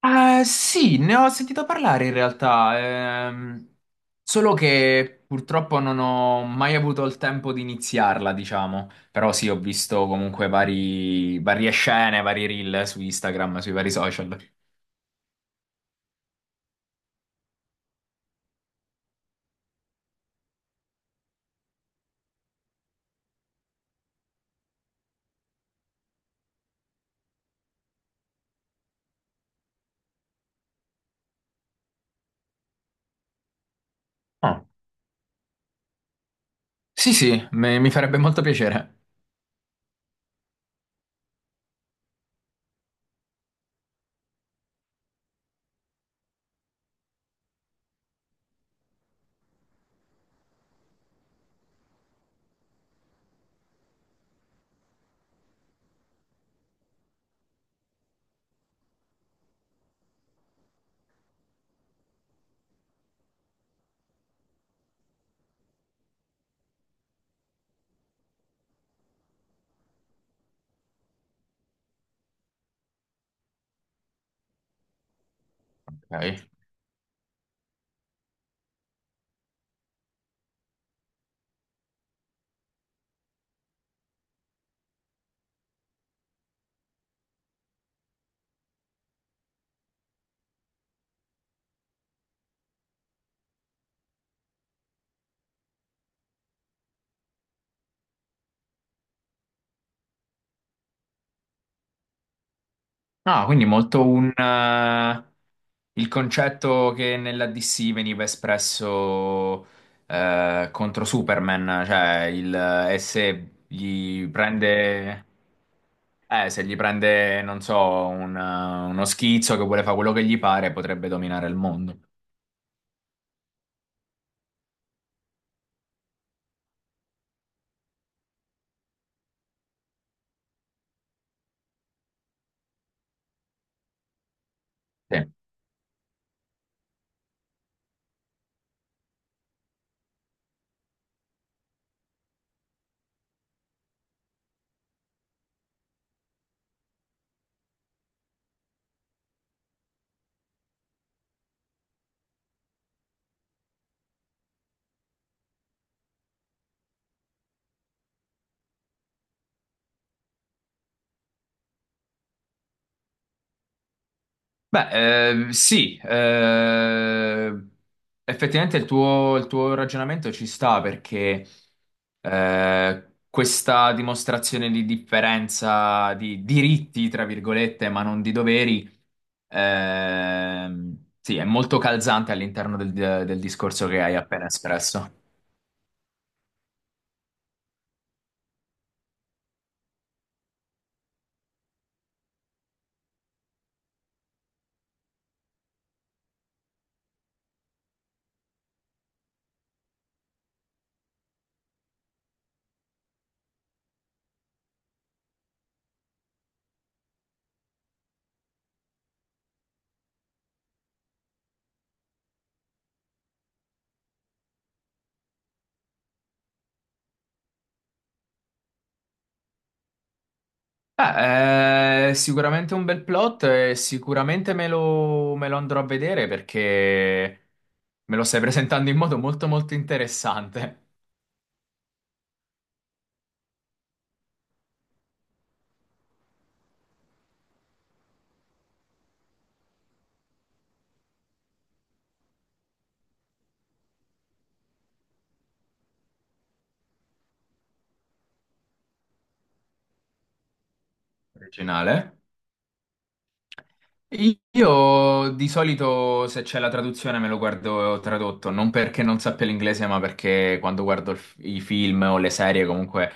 Sì, ne ho sentito parlare in realtà, solo che purtroppo non ho mai avuto il tempo di iniziarla, diciamo. Però sì, ho visto comunque varie scene, vari reel su Instagram, sui vari social. Ah. Sì, sì, mi farebbe molto piacere. Ok. Ah, quindi molto il concetto che nella DC veniva espresso contro Superman, cioè e se gli prende, non so, uno schizzo che vuole fare quello che gli pare, potrebbe dominare il mondo. Sì. Beh, sì, effettivamente il tuo ragionamento ci sta perché questa dimostrazione di differenza di diritti, tra virgolette, ma non di doveri, sì, è molto calzante all'interno del discorso che hai appena espresso. Ah, è sicuramente un bel plot e sicuramente me lo andrò a vedere perché me lo stai presentando in modo molto molto interessante, originale. Io di solito se c'è la traduzione me lo guardo tradotto, non perché non sappia l'inglese, ma perché quando guardo i film o le serie comunque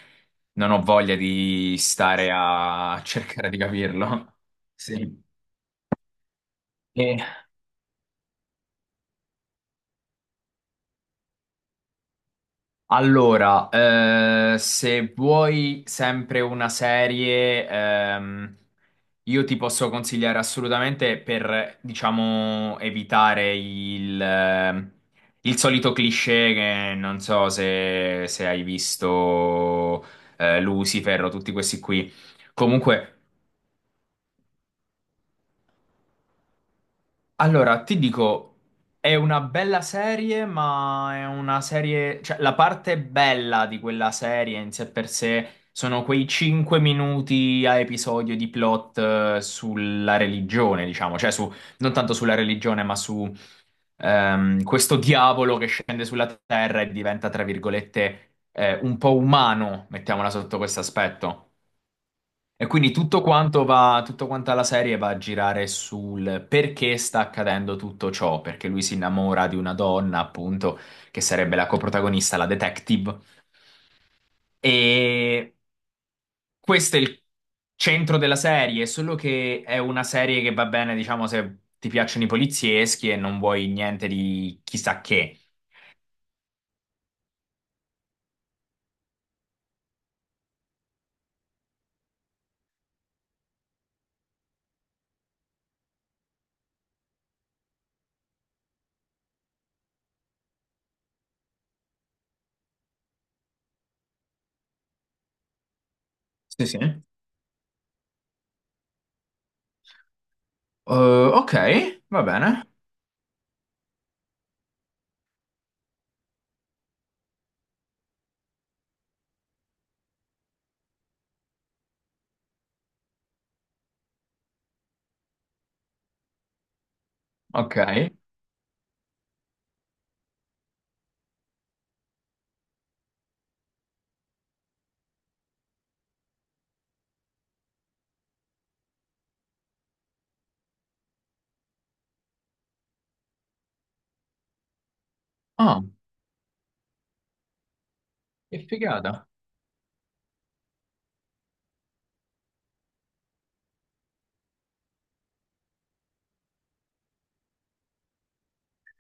non ho voglia di stare a cercare di capirlo. Sì. E- Allora, se vuoi sempre una serie, io ti posso consigliare assolutamente per, diciamo, evitare il solito cliché che non so se hai visto, Lucifer o tutti questi qui. Comunque. Allora, ti dico, è una bella serie, ma è una serie, cioè la parte bella di quella serie in sé per sé sono quei 5 minuti a episodio di plot sulla religione, diciamo, cioè su, non tanto sulla religione, ma su questo diavolo che scende sulla terra e diventa, tra virgolette, un po' umano, mettiamola sotto questo aspetto. E quindi tutto quanto va, tutta quanta la serie va a girare sul perché sta accadendo tutto ciò, perché lui si innamora di una donna, appunto, che sarebbe la coprotagonista, la detective, e questo è il centro della serie, solo che è una serie che va bene, diciamo, se ti piacciono i polizieschi e non vuoi niente di chissà che. Sì, sì. Ok, va bene. Ok. Ah, che figata.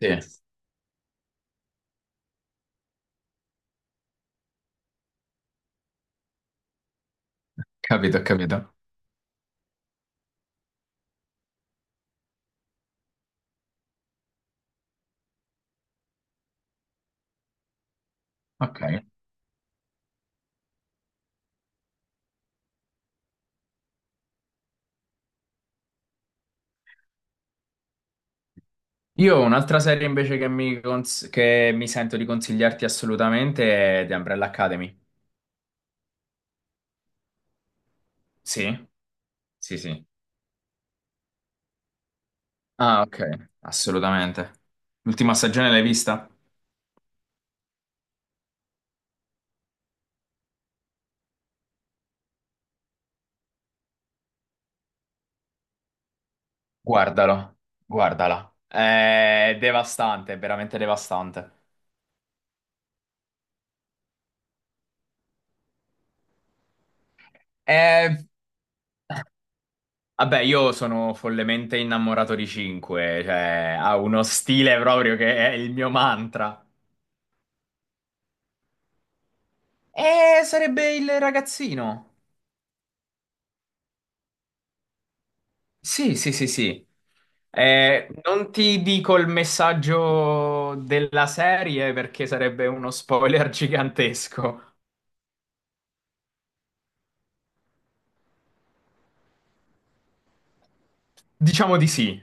Sì, capito, capito. Ok. Io ho un'altra serie invece che che mi sento di consigliarti assolutamente è The Umbrella Academy. Sì? Sì, sì. Ah, ok, assolutamente. L'ultima stagione l'hai vista? Guardalo, guardala. È devastante, è veramente devastante. Eh, Vabbè, io sono follemente innamorato di 5, cioè ha uno stile proprio che è il mio mantra. E sarebbe il ragazzino. Sì, sì, sì, sì. Non ti dico il messaggio della serie perché sarebbe uno spoiler gigantesco. Diciamo di sì.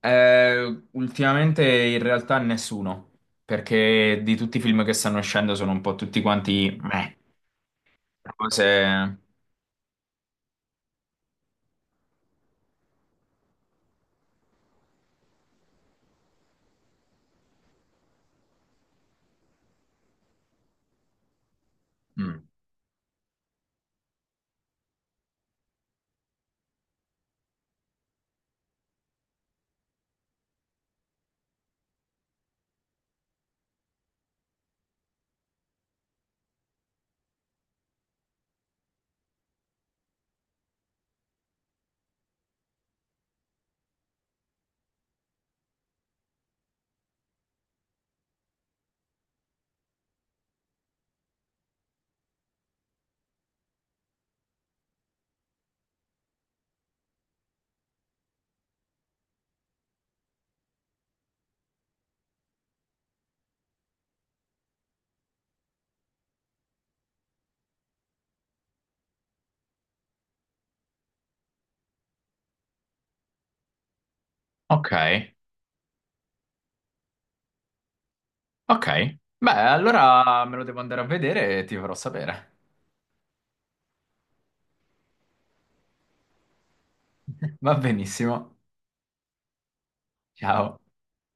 Ultimamente in realtà nessuno, perché di tutti i film che stanno uscendo sono un po' tutti quanti meh, cose. Mm. Ok, ok. Beh, allora me lo devo andare a vedere e ti farò sapere. Va benissimo. Ciao.